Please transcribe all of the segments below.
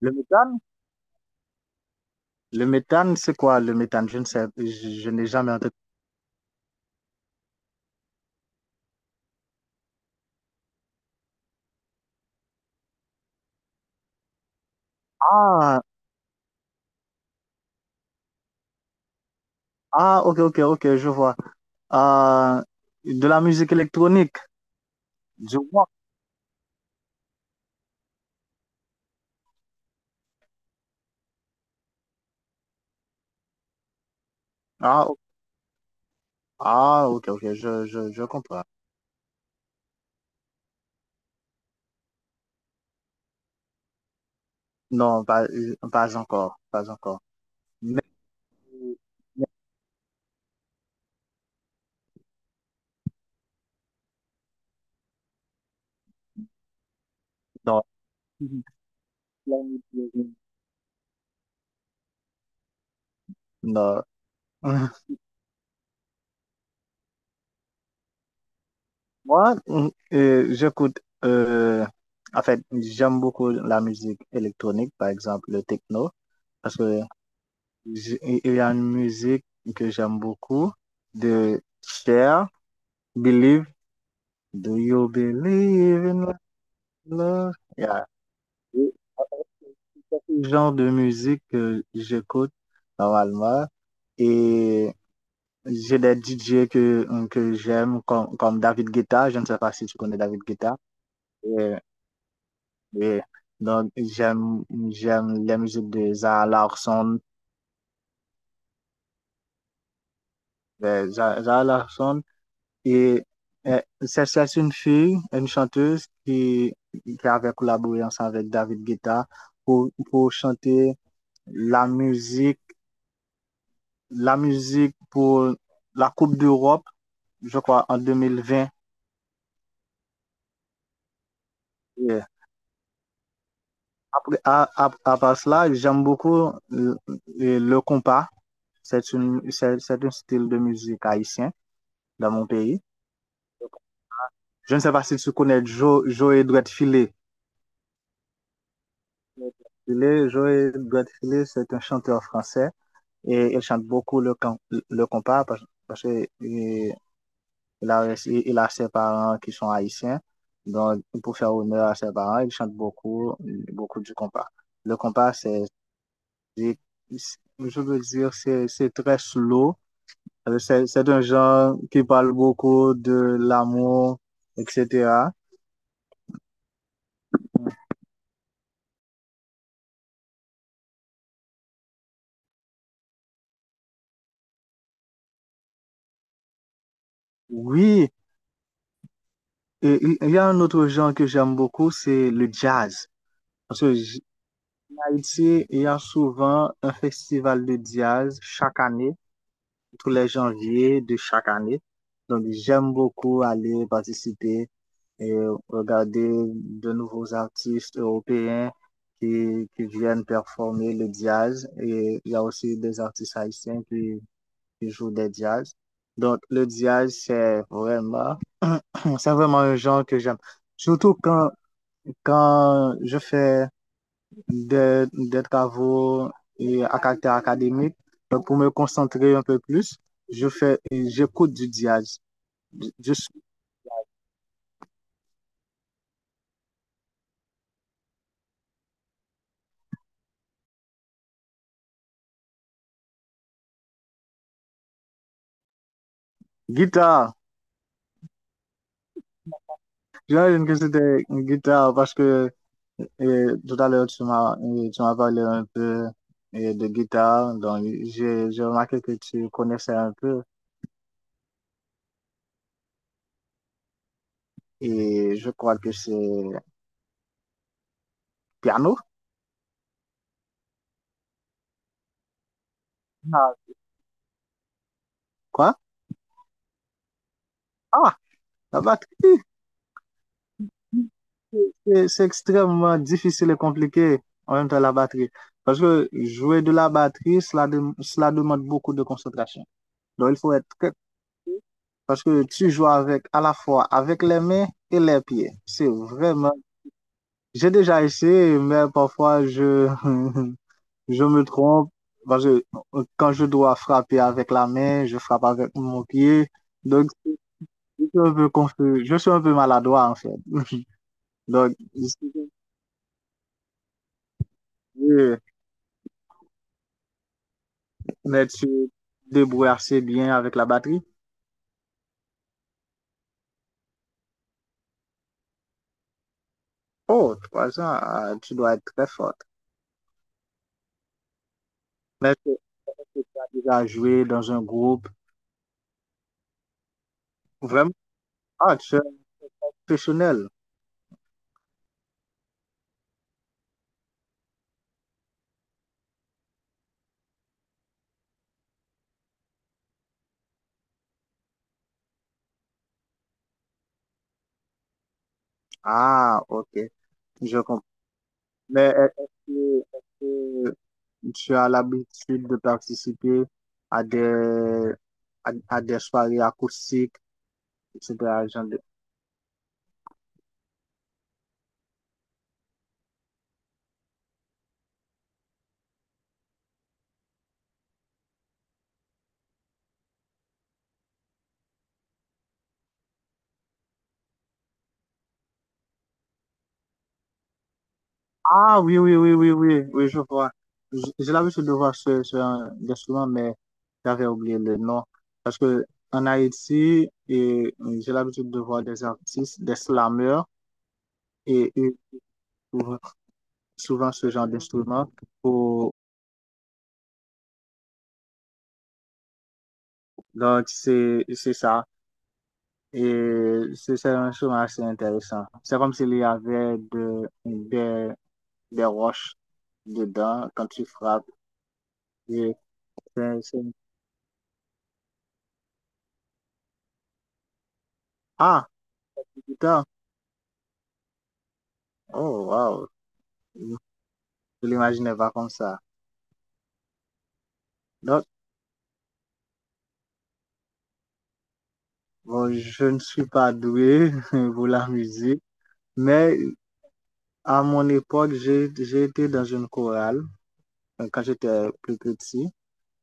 Le méthane? Le méthane, c'est quoi le méthane? Je ne sais, je n'ai jamais entendu. Ah, ah, ok, ok, ok, je vois. Ah de la musique électronique, je vois. Ah, ah, ok, ok, je comprends. Non, pas, pas encore, pas encore. Mais, mais non. Non. Moi, j'écoute, en fait, j'aime beaucoup la musique électronique, par exemple le techno, parce que il y a une musique que j'aime beaucoup de Cher, Believe. Do you believe in love? Yeah. C'est le genre de musique que j'écoute normalement. Et j'ai des DJ que j'aime, comme David Guetta. Je ne sais pas si tu connais David Guetta. Et, et donc, j'aime la musique de Zara Larsson. Zara Larsson, et c'est une fille, une chanteuse qui avait collaboré ensemble avec David Guetta pour chanter la musique, la musique pour la Coupe d'Europe, je crois, en 2020. Et après, à part cela, j'aime beaucoup le compas. C'est un style de musique haïtien dans mon pays. Je ne sais pas si tu connais Joe Edouard Filet. Filet, Joe Edouard Filet, c'est un chanteur français et il chante beaucoup le compas parce que euh, il a, il a ses parents qui sont haïtiens. Donc, pour faire honneur à ses parents, il chante beaucoup, beaucoup du compas. Le compas, je veux dire, c'est très slow. C'est un genre qui parle beaucoup de l'amour, etc. Oui, et il y a un autre genre que j'aime beaucoup, c'est le jazz. Parce que en Haïti, il y a souvent un festival de jazz chaque année tous les janvier de chaque année. Donc, j'aime beaucoup aller participer et regarder de nouveaux artistes européens qui viennent performer le jazz. Et il y a aussi des artistes haïtiens qui jouent des jazz. Donc, le jazz, c'est vraiment, c'est vraiment un genre que j'aime. Surtout quand je fais des travaux et à caractère académique. Donc, pour me concentrer un peu plus, j'écoute du jazz. Je, je- Guitare. J'imagine que c'était une guitare parce que tout à l'heure, tu m'as parlé un peu de guitare. Donc, j'ai remarqué que tu connaissais un peu et je crois que c'est piano. Ah, quoi? Ah, la batterie. C'est extrêmement difficile et compliqué en même temps la batterie. Parce que jouer de la batterie, cela demande beaucoup de concentration. Donc il faut être très. Parce que tu joues avec à la fois avec les mains et les pieds. C'est vraiment. J'ai déjà essayé, mais parfois je, je me trompe. Parce que quand je dois frapper avec la main, je frappe avec mon pied. Donc je suis un peu confus. Je suis un peu maladroit en fait. Donc, je suis confus. Mais tu te débrouilles assez bien avec la batterie. Oh, 3 ans, ah, tu dois être très forte. Mais est-ce que tu as déjà joué dans un groupe? Vraiment? Ah, tu es professionnel. Ah, ok, je comprends. Mais est-ce que tu as l'habitude de participer à des, à des soirées acoustiques, etc. Ah, oui, oui, oui, oui, oui, oui, je vois. Je l'avais su devoir sur un instrument, mais j'avais oublié le nom. Parce que en Haïti, et j'ai l'habitude de voir des artistes, des slameurs, et ils trouvent souvent ce genre d'instrument. Pour... Donc, c'est ça. Et c'est un instrument assez intéressant. C'est comme s'il y avait des roches dedans quand tu frappes. Et c'est- c'est- Ah, putain! Oh, wow! Je l'imaginais pas comme ça. Donc, bon, je ne suis pas doué pour la musique, mais à mon époque, j'ai été dans une chorale quand j'étais plus petit,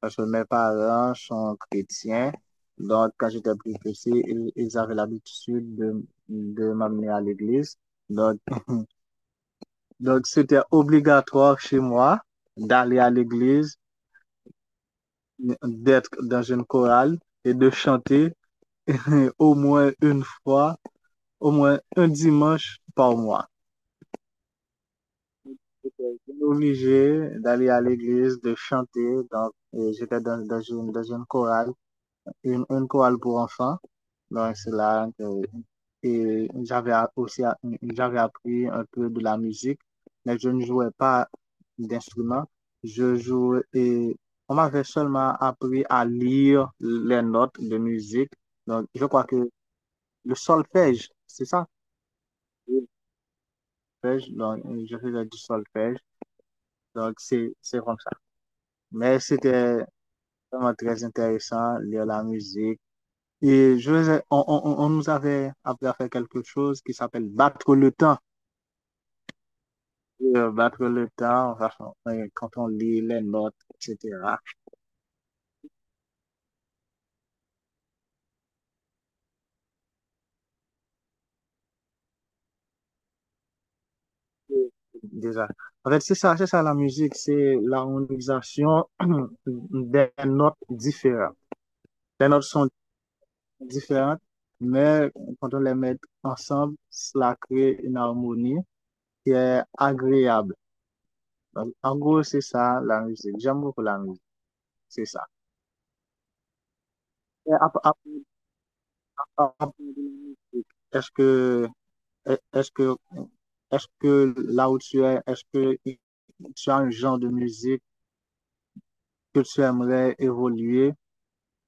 parce que mes parents sont chrétiens. Donc, quand j'étais plus petit, ils avaient l'habitude de m'amener à l'église. Donc, donc, c'était obligatoire chez moi d'aller à l'église, d'être dans une chorale et de chanter au moins une fois au moins un dimanche par mois. J'étais obligé d'aller à l'église, de chanter. Donc, et j'étais dans une chorale, une chorale pour enfants. Donc, c'est là que et j'avais a- aussi a- j'avais appris un peu de la musique, mais je ne jouais pas d'instrument. Je jouais et on m'avait seulement appris à lire les notes de musique. Donc, je crois que le solfège, c'est ça? Oui. Solfège, donc, je faisais du solfège. Donc, c'est comme ça. Mais c'était vraiment très intéressant, lire la musique. Et je, vous ai- on nous avait appris à faire quelque chose qui s'appelle battre le temps. Battre le temps, enfin, quand on lit les notes, etc. Déjà. En fait, c'est ça la musique, c'est l'harmonisation des notes différentes. Les notes sont différentes, mais quand on les met ensemble, cela crée une harmonie qui est agréable. Donc, en gros, c'est ça la musique. J'aime beaucoup la musique, c'est ça. Et à- à- à part de la musique, Est-ce que, est-ce que, est-ce que là où tu es, est-ce que tu as un genre de musique que tu aimerais évoluer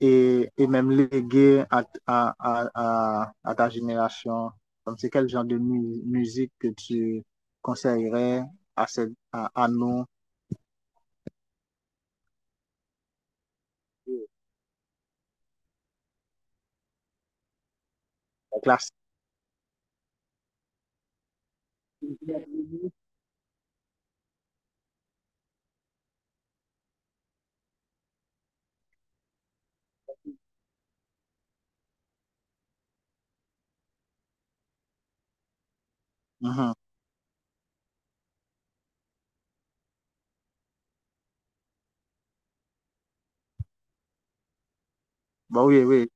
et même léguer à ta génération? Comme c'est quel genre de musique que tu conseillerais à, cette, à nos classes? Mhm. Bah oui, oui.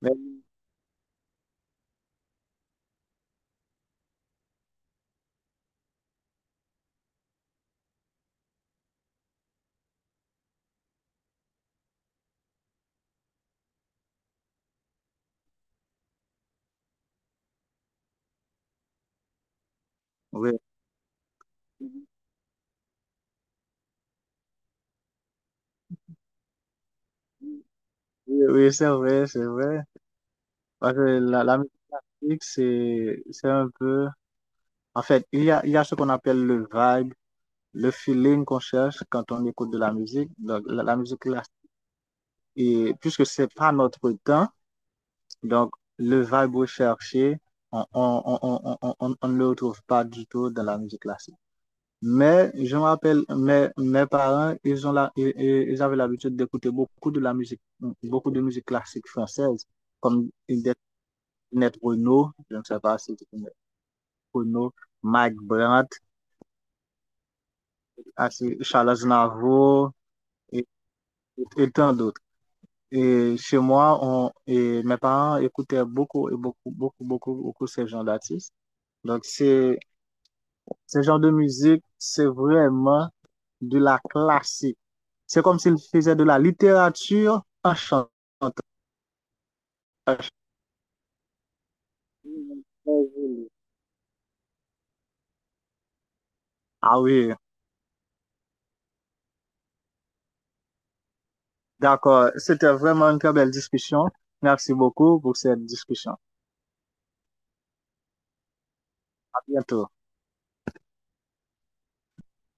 Mais- oui. Oui, oui, c'est vrai, c'est vrai. Parce que la musique, c'est un peu. En fait, il y a ce qu'on appelle le vibe, le feeling qu'on cherche quand on écoute de la musique. Donc, la musique, là, et puisque c'est pas notre temps, donc le vibe recherché, on ne le retrouve pas du tout dans la musique classique. Mais je me rappelle, mes parents, ils ont la, ils avaient l'habitude d'écouter beaucoup de la musique, beaucoup de musique classique française, comme des Net Renault, je ne sais pas si c'est connais Renault, Mike Brandt, Charles Navo et, et tant d'autres. Et chez moi, et mes parents écoutaient beaucoup et beaucoup, beaucoup, beaucoup, beaucoup ces genres d'artistes. Donc, ce genre de musique, c'est vraiment de la classique. C'est comme s'ils faisaient de la littérature en chantant. Ah oui, d'accord. C'était vraiment une très belle discussion. Merci beaucoup pour cette discussion. À bientôt.